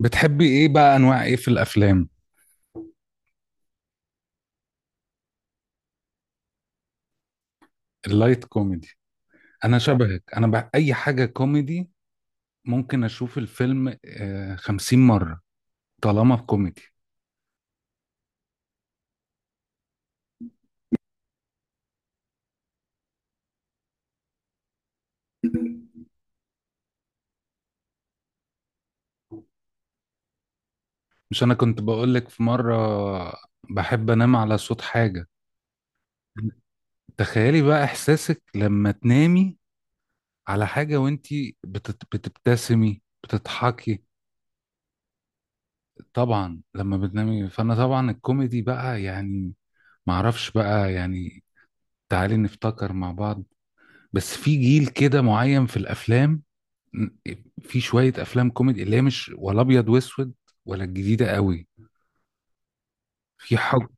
بتحبي ايه بقى؟ انواع ايه في الافلام؟ اللايت كوميدي. انا شبهك، انا بقى اي حاجه كوميدي. ممكن اشوف الفيلم 50 مره طالما كوميدي. مش انا كنت بقولك في مره بحب انام على صوت حاجه. تخيلي بقى احساسك لما تنامي على حاجه وانتي بتبتسمي بتضحكي. طبعا لما بتنامي، فانا طبعا الكوميدي بقى يعني. معرفش بقى يعني. تعالي نفتكر مع بعض. بس في جيل كده معين في الافلام، في شويه افلام كوميدي اللي هي مش ولا ابيض واسود ولا الجديده قوي، في حاجه.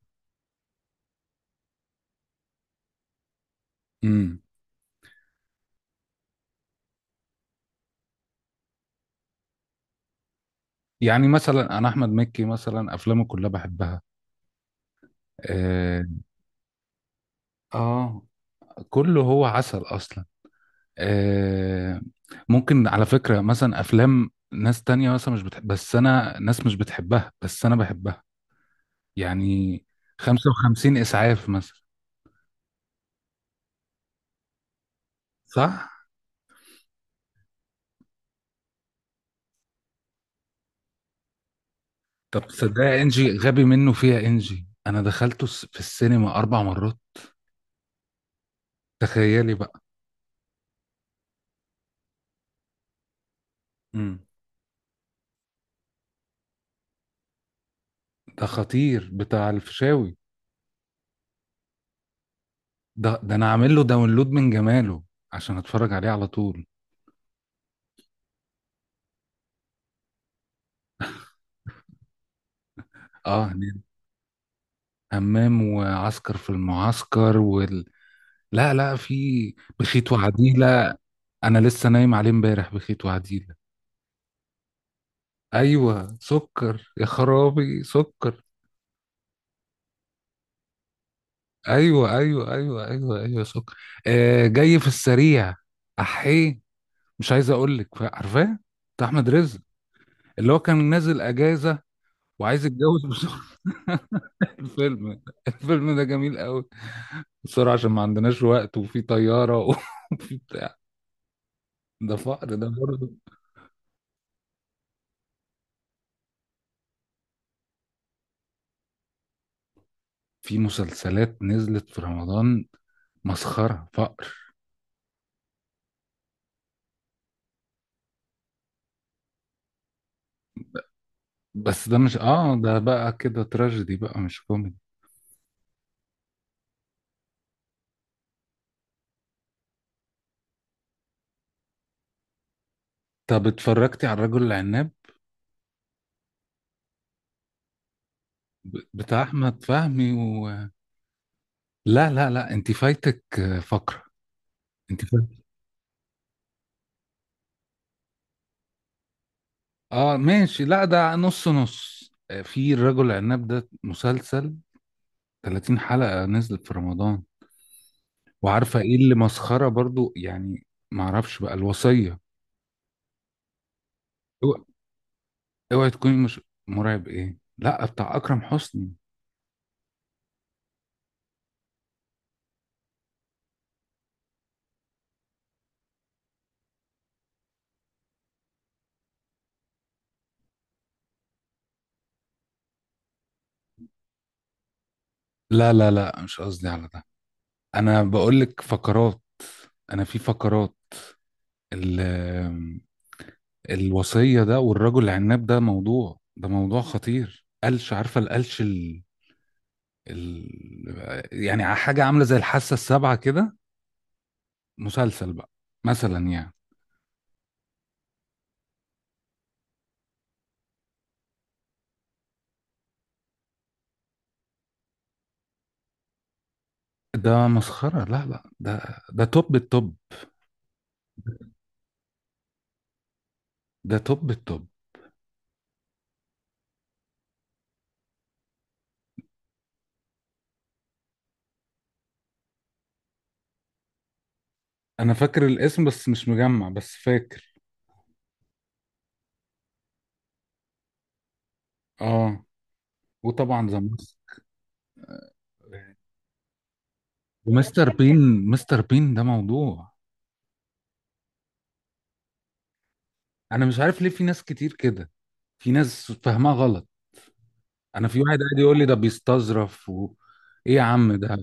امم يعني مثلا انا احمد مكي مثلا افلامه كلها بحبها. آه. اه، كله هو عسل اصلا. آه. ممكن على فكره مثلا افلام ناس تانية مثلا مش بتحب، بس انا ناس مش بتحبها بس انا بحبها. يعني 55 اسعاف مثلا. صح. طب صدقني انجي، غبي منه فيها انجي، انا دخلته في السينما 4 مرات. تخيلي بقى. امم. ده خطير بتاع الفيشاوي. ده ده انا عامل له داونلود من جماله عشان اتفرج عليه على طول. اه. همام وعسكر في المعسكر لا، لا، في بخيت وعديلة. انا لسه نايم عليه امبارح بخيت وعديلة. ايوه سكر، يا خرابي سكر. ايوه ايوه ايوه ايوه ايوه سكر. آه جاي في السريع. احيه، مش عايز اقول لك، عارفاه؟ بتاع احمد رزق، اللي هو كان نازل اجازه وعايز يتجوز بسرعه. الفيلم، الفيلم ده جميل قوي. بسرعه عشان ما عندناش وقت وفي طياره. وفي بتاع. ده فقر ده برضه. في مسلسلات نزلت في رمضان، مسخره فقر. بس ده مش، اه ده بقى كده تراجيدي بقى، مش كوميدي. طب اتفرجتي على الرجل العناب؟ بتاع احمد فهمي لا لا لا، انت فايتك فقره. انت. اه ماشي، لا ده نص نص. في الرجل العناب، ده مسلسل 30 حلقة نزلت في رمضان. وعارفة ايه اللي مسخرة برضو؟ يعني معرفش بقى، الوصية. اوعى، اوعي تكوني مش. مرعب ايه؟ لا بتاع اكرم حسني. لا لا لا، مش قصدي على ده. انا بقول لك فقرات، انا في فقرات ال- آم، الوصية ده والرجل العناب ده، موضوع، ده موضوع خطير. قلش، عارفة القلش؟ ال... يعني حاجة عاملة زي الحاسة السابعة كده، مسلسل بقى مثلا يعني. ده مسخرة. لا لا ده، ده توب التوب. ده توب التوب. أنا فاكر الاسم بس مش مجمع، بس فاكر. اه. وطبعا ومستر بين. مستر بين ده موضوع. أنا مش عارف ليه في ناس كتير كده. في ناس فاهمها غلط. أنا في واحد قاعد يقول لي ده بيستظرف إيه يا عم ده.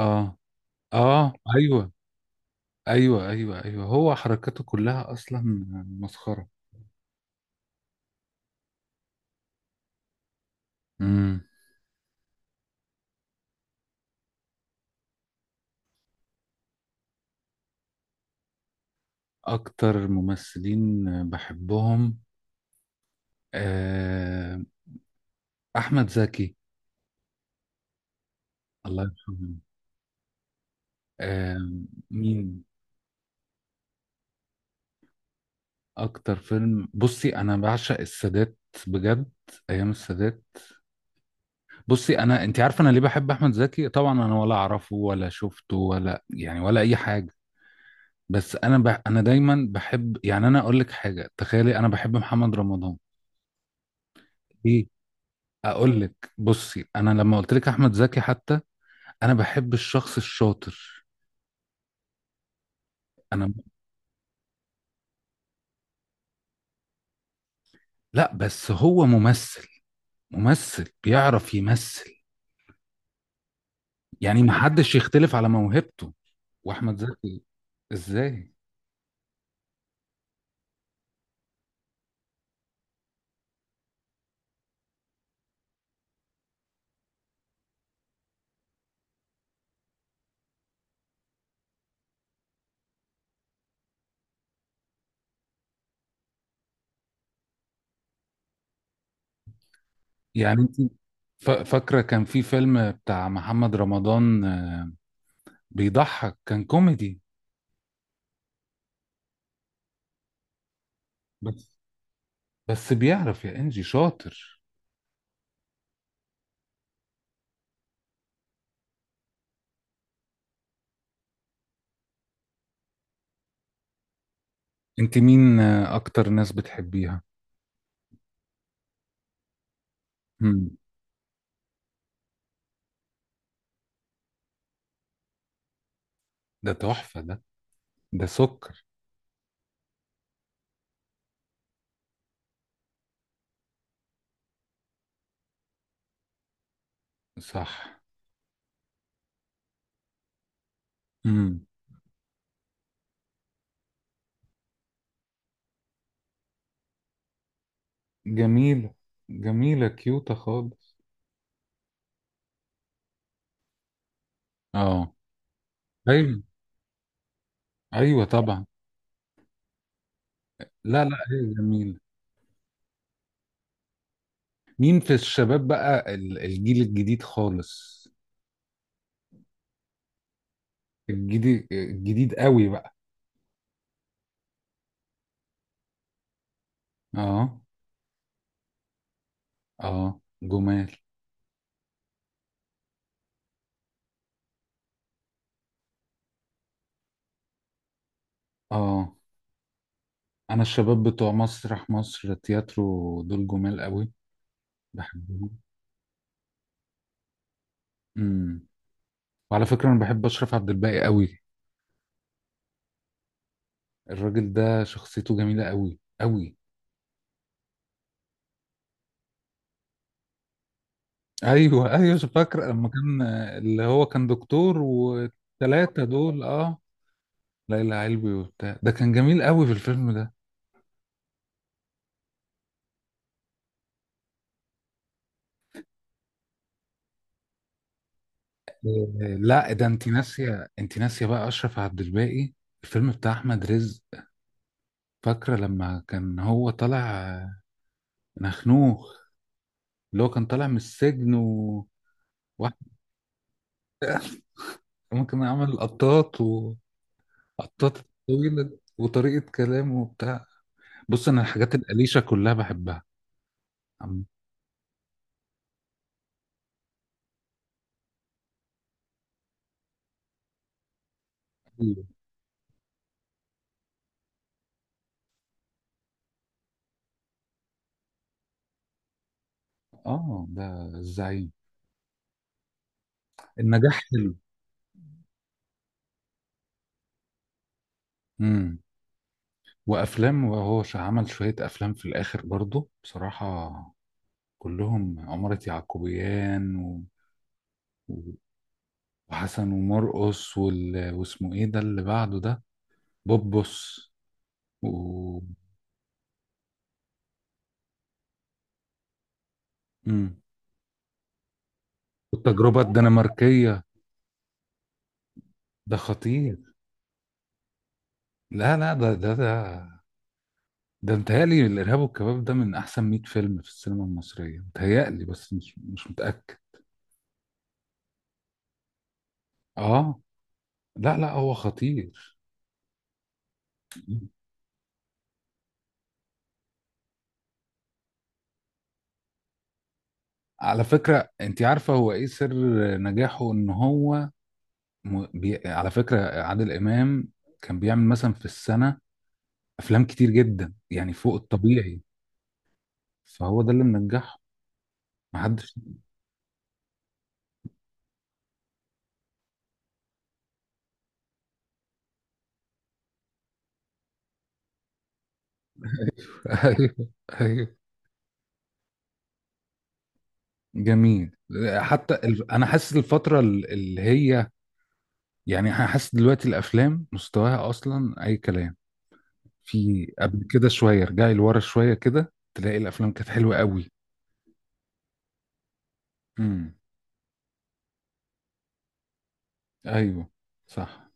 اه. اه ايوه ايوه ايوه ايوه، هو حركاته كلها اصلا مسخره. امم. اكتر ممثلين بحبهم آه، احمد زكي، الله يرحمه. آه، مين؟ اكتر فيلم؟ بصي انا بعشق السادات، بجد، ايام السادات. بصي، انا انت عارفه انا ليه بحب احمد زكي؟ طبعا انا ولا اعرفه ولا شفته ولا يعني ولا اي حاجه، بس انا دايما بحب، يعني انا اقول لك حاجه، تخيلي انا بحب محمد رمضان. ليه؟ اقول لك. بصي انا لما قلت لك احمد زكي حتى، انا بحب الشخص الشاطر. انا. لا بس هو ممثل، ممثل بيعرف يمثل. يعني ما حدش يختلف على موهبته. واحمد زكي. ازاي؟ يعني انت فاكره كان في فيلم بتاع محمد رمضان بيضحك، كان كوميدي. بس، بس بيعرف يا انجي، شاطر. انت مين اكتر ناس بتحبيها؟ مم. ده تحفه ده، ده سكر. صح. مم. جميلة، جميلة كيوتة خالص. اه. ايوه، ايوه طبعا. لا لا، هي جميلة. مين في الشباب بقى؟ الجيل الجديد خالص، الجديد الجديد قوي بقى. اه. اه جمال. اه انا الشباب بتوع مسرح مصر تياترو دول جمال قوي. بحبهم. امم. وعلى فكرة انا بحب اشرف عبد الباقي قوي. الراجل ده شخصيته جميلة قوي قوي. ايوه ايوه فاكر لما كان، اللي هو كان دكتور والتلاتة دول. اه، ليلى علوي وبتاع، ده كان جميل قوي في الفيلم ده. لا، ده انت ناسيه، انت ناسيه بقى اشرف عبد الباقي. الفيلم بتاع احمد رزق، فاكره لما كان هو طالع نخنوخ، اللي هو كان طالع من السجن وواحد. ممكن عمل قطاط، وقطاط طويله، وطريقه كلامه وبتاع. بص، انا الحاجات القليشه كلها بحبها. عم- أيوه. اه ده الزعيم. النجاح حلو. امم. وافلام، وهو عمل شويه افلام في الاخر برضه بصراحه. كلهم عمارة يعقوبيان و- وحسن ومرقص واسمه ايه ده اللي بعده ده؟ بوبوس و... امم. والتجربه الدنماركيه، ده خطير. لا لا ده، ده ده، ده متهيألي الإرهاب والكباب ده من أحسن 100 فيلم في السينما المصرية متهيألي، بس مش متأكد. آه. لا لا، هو خطير. على فكرة انت عارفة هو ايه سر نجاحه؟ ان هو على فكرة عادل امام كان بيعمل مثلا في السنة افلام كتير جدا، يعني فوق الطبيعي. فهو ده اللي منجحه، محدش. ايوه ايوه، جميل. حتى انا حاسس الفترة اللي هي يعني، انا حاسس دلوقتي الافلام مستواها اصلا اي كلام. في قبل كده شوية، رجعي لورا شوية كده تلاقي الافلام كانت حلوة قوي. امم. ايوه صح.